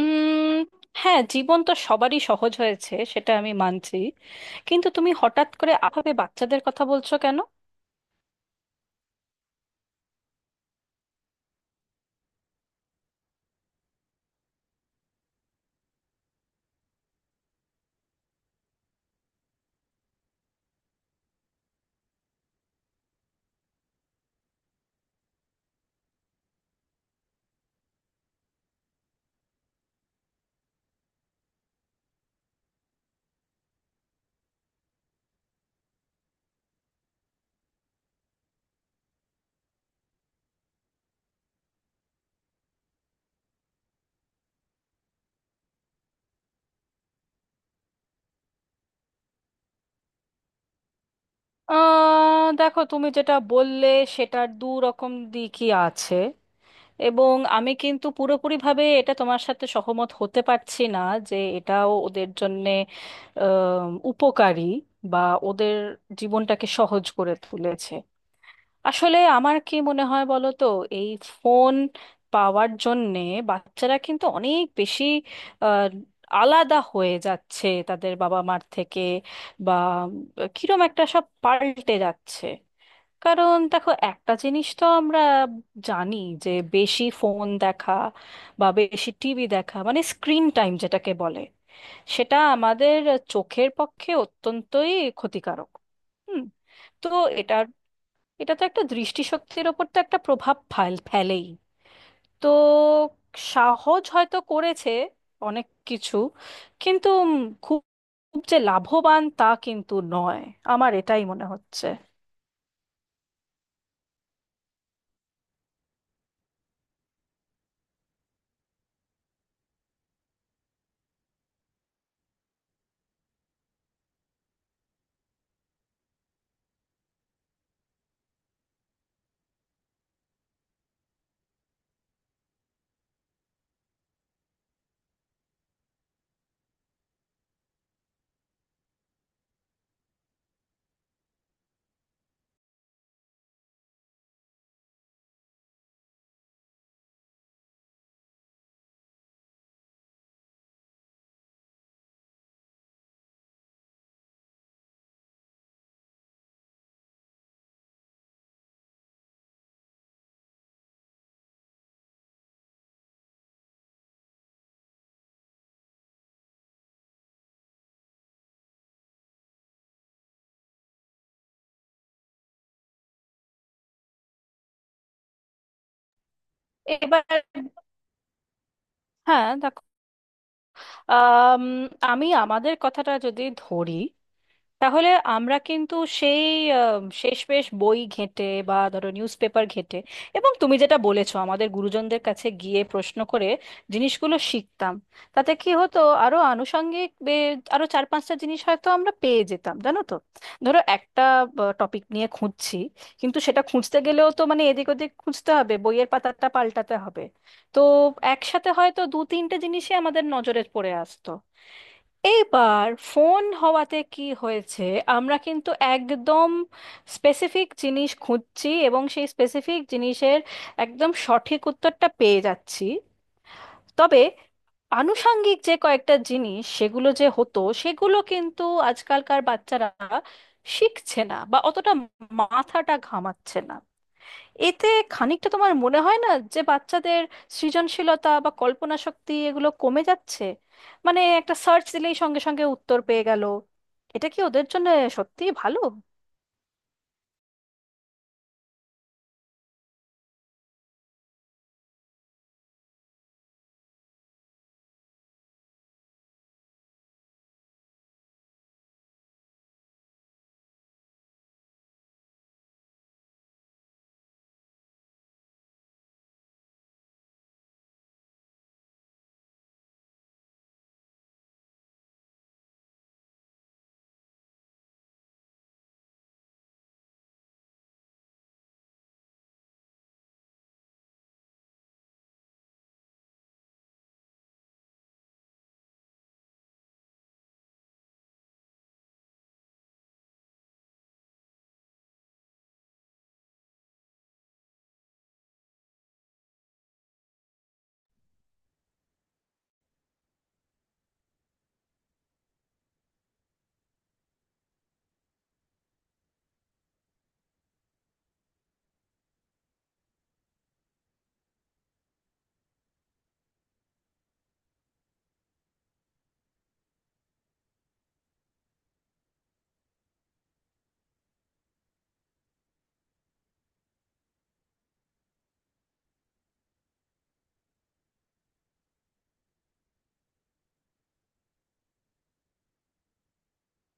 উম হ্যাঁ, জীবন তো সবারই সহজ হয়েছে, সেটা আমি মানছি। কিন্তু তুমি হঠাৎ করে আভাবে বাচ্চাদের কথা বলছো কেন? দেখো, তুমি যেটা বললে সেটার দু রকম দিকই আছে, এবং আমি কিন্তু পুরোপুরিভাবে এটা তোমার সাথে সহমত হতে পারছি না যে এটাও ওদের জন্যে আহ, উপকারী, বা ওদের জীবনটাকে সহজ করে তুলেছে। আসলে আমার কি মনে হয় বলো তো, এই ফোন পাওয়ার জন্যে বাচ্চারা কিন্তু অনেক বেশি আহ, আলাদা হয়ে যাচ্ছে তাদের বাবা মার থেকে, বা কিরম একটা সব পাল্টে যাচ্ছে। কারণ দেখো, একটা জিনিস তো আমরা জানি যে বেশি ফোন দেখা বা বেশি টিভি দেখা, মানে স্ক্রিন টাইম যেটাকে বলে, সেটা আমাদের চোখের পক্ষে অত্যন্তই ক্ষতিকারক। হুম, তো এটার এটা তো একটা দৃষ্টিশক্তির ওপর তো একটা প্রভাব ফেলেই। তো সহজ হয়তো করেছে অনেক কিছু, কিন্তু খুব, খুব যে লাভবান তা কিন্তু নয়। আমার এটাই মনে হচ্ছে। এবার হ্যাঁ দেখো, আম, আমি আমাদের কথাটা যদি ধরি, তাহলে আমরা কিন্তু সেই শেষমেশ বই ঘেঁটে বা ধরো নিউজপেপার ঘেঁটে, এবং তুমি যেটা বলেছো আমাদের গুরুজনদের কাছে গিয়ে প্রশ্ন করে জিনিসগুলো শিখতাম। তাতে কি হতো, আরো আনুষঙ্গিক আরো চার পাঁচটা জিনিস হয়তো আমরা পেয়ে যেতাম, জানো তো। ধরো একটা টপিক নিয়ে খুঁজছি, কিন্তু সেটা খুঁজতে গেলেও তো মানে এদিক ওদিক খুঁজতে হবে, বইয়ের পাতাটা পাল্টাতে হবে। তো একসাথে হয়তো দু তিনটে জিনিসই আমাদের নজরে পড়ে আসতো। এইবার ফোন হওয়াতে কি হয়েছে, আমরা কিন্তু একদম স্পেসিফিক জিনিস খুঁজছি এবং সেই স্পেসিফিক জিনিসের একদম সঠিক উত্তরটা পেয়ে যাচ্ছি। তবে আনুষাঙ্গিক যে কয়েকটা জিনিস সেগুলো যে হতো সেগুলো কিন্তু আজকালকার বাচ্চারা শিখছে না, বা অতটা মাথাটা ঘামাচ্ছে না। এতে খানিকটা তোমার মনে হয় না যে বাচ্চাদের সৃজনশীলতা বা কল্পনা শক্তি এগুলো কমে যাচ্ছে? মানে একটা সার্চ দিলেই সঙ্গে সঙ্গে উত্তর পেয়ে গেল। এটা কি ওদের জন্য সত্যিই ভালো?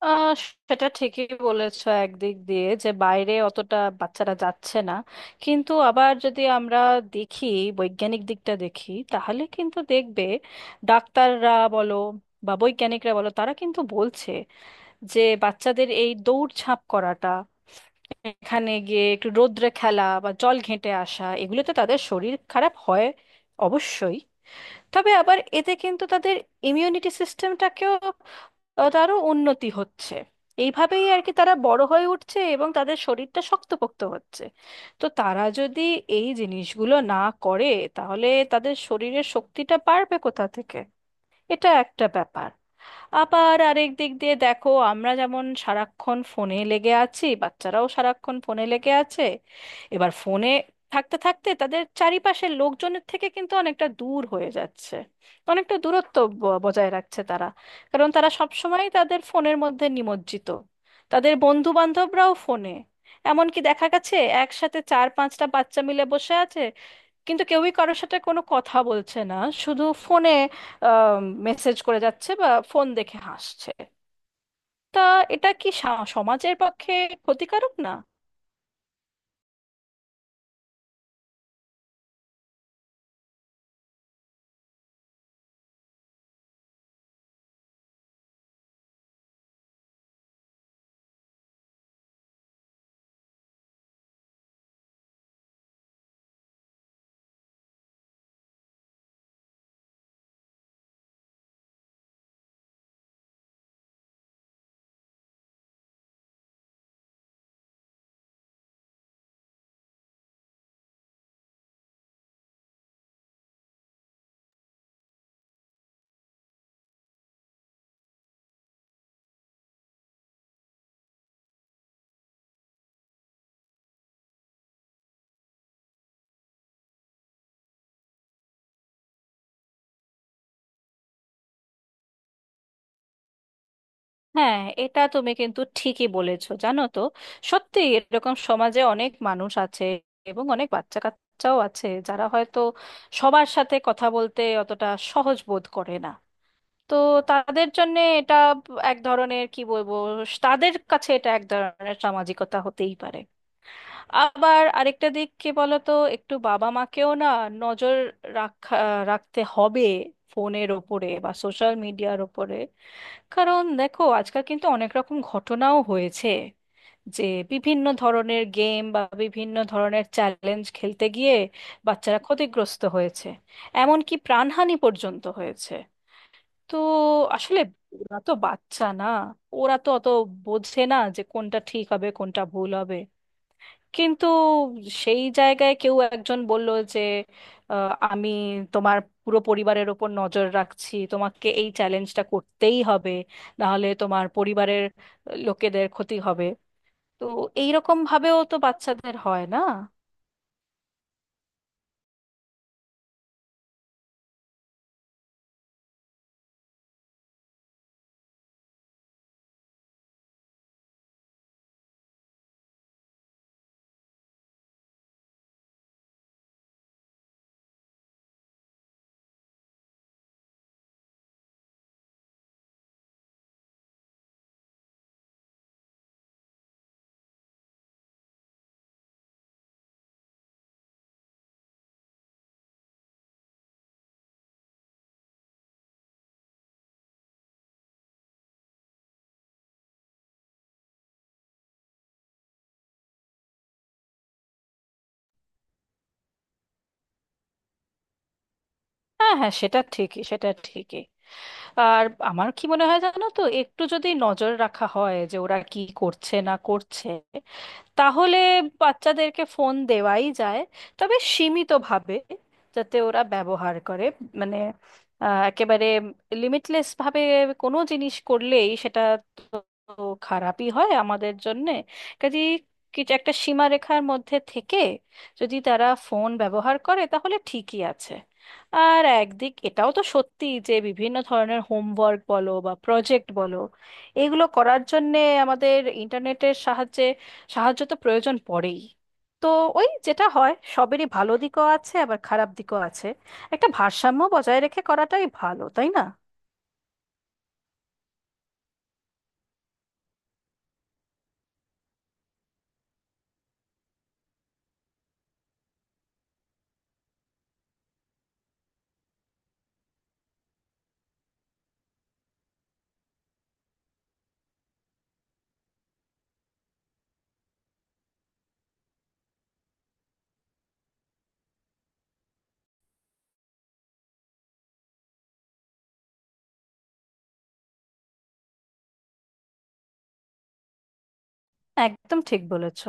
আহ সেটা ঠিকই বলেছো, একদিক দিয়ে যে বাইরে অতটা বাচ্চারা যাচ্ছে না। কিন্তু আবার যদি আমরা দেখি, বৈজ্ঞানিক দিকটা দেখি, তাহলে কিন্তু দেখবে ডাক্তাররা বলো বা বৈজ্ঞানিকরা বলো, তারা কিন্তু বলছে যে বাচ্চাদের এই দৌড়ঝাঁপ করাটা, এখানে গিয়ে একটু রোদ্রে খেলা বা জল ঘেঁটে আসা, এগুলোতে তাদের শরীর খারাপ হয় অবশ্যই, তবে আবার এতে কিন্তু তাদের ইমিউনিটি সিস্টেমটাকেও, তারও উন্নতি হচ্ছে। এইভাবেই আর কি তারা বড় হয়ে উঠছে এবং তাদের শরীরটা শক্তপোক্ত হচ্ছে। তো তারা যদি এই জিনিসগুলো না করে, তাহলে তাদের শরীরের শক্তিটা বাড়বে কোথা থেকে? এটা একটা ব্যাপার। আবার আরেক দিক দিয়ে দেখো, আমরা যেমন সারাক্ষণ ফোনে লেগে আছি, বাচ্চারাও সারাক্ষণ ফোনে লেগে আছে। এবার ফোনে থাকতে থাকতে তাদের চারিপাশের লোকজনের থেকে কিন্তু অনেকটা দূর হয়ে যাচ্ছে, অনেকটা দূরত্ব বজায় রাখছে তারা। কারণ তারা সবসময় তাদের ফোনের মধ্যে নিমজ্জিত, তাদের বন্ধু বান্ধবরাও ফোনে। এমনকি দেখা গেছে, একসাথে চার পাঁচটা বাচ্চা মিলে বসে আছে, কিন্তু কেউই কারোর সাথে কোনো কথা বলছে না, শুধু ফোনে মেসেজ করে যাচ্ছে বা ফোন দেখে হাসছে। তা এটা কি সমাজের পক্ষে ক্ষতিকারক না? হ্যাঁ, এটা তুমি কিন্তু ঠিকই বলেছো, জানো তো। সত্যি এরকম সমাজে অনেক মানুষ আছে এবং অনেক বাচ্চা কাচ্চাও আছে যারা হয়তো সবার সাথে কথা বলতে অতটা সহজ বোধ করে না। তো তাদের জন্য এটা এক ধরনের কি বলবো, তাদের কাছে এটা এক ধরনের সামাজিকতা হতেই পারে। আবার আরেকটা দিক কি বলতো, একটু বাবা মাকেও না নজর রাখা রাখতে হবে ফোনের ওপরে বা সোশ্যাল মিডিয়ার ওপরে। কারণ দেখো, আজকাল কিন্তু অনেক রকম ঘটনাও হয়েছে যে বিভিন্ন ধরনের গেম বা বিভিন্ন ধরনের চ্যালেঞ্জ খেলতে গিয়ে বাচ্চারা ক্ষতিগ্রস্ত হয়েছে, এমনকি প্রাণহানি পর্যন্ত হয়েছে। তো আসলে ওরা তো বাচ্চা না, ওরা তো অত বোঝে না যে কোনটা ঠিক হবে কোনটা ভুল হবে। কিন্তু সেই জায়গায় কেউ একজন বলল যে, আমি তোমার পুরো পরিবারের ওপর নজর রাখছি, তোমাকে এই চ্যালেঞ্জটা করতেই হবে, নাহলে তোমার পরিবারের লোকেদের ক্ষতি হবে। তো এইরকম ভাবেও তো বাচ্চাদের হয় না। হ্যাঁ হ্যাঁ, সেটা ঠিকই, সেটা ঠিকই। আর আমার কি মনে হয় জানো তো, একটু যদি নজর রাখা হয় যে ওরা কি করছে না করছে, তাহলে বাচ্চাদেরকে ফোন দেওয়াই যায়, তবে সীমিতভাবে, যাতে ওরা ব্যবহার করে। মানে একেবারে লিমিটলেস ভাবে কোনো জিনিস করলেই সেটা তো খারাপই হয় আমাদের জন্যে। কাজে কিছু একটা সীমারেখার মধ্যে থেকে যদি তারা ফোন ব্যবহার করে তাহলে ঠিকই আছে। আর একদিক এটাও তো সত্যি যে বিভিন্ন ধরনের হোমওয়ার্ক বলো বা প্রজেক্ট বলো, এগুলো করার জন্যে আমাদের ইন্টারনেটের সাহায্য তো প্রয়োজন পড়েই। তো ওই যেটা হয়, সবেরই ভালো দিকও আছে আবার খারাপ দিকও আছে। একটা ভারসাম্য বজায় রেখে করাটাই ভালো, তাই না? একদম ঠিক বলেছ।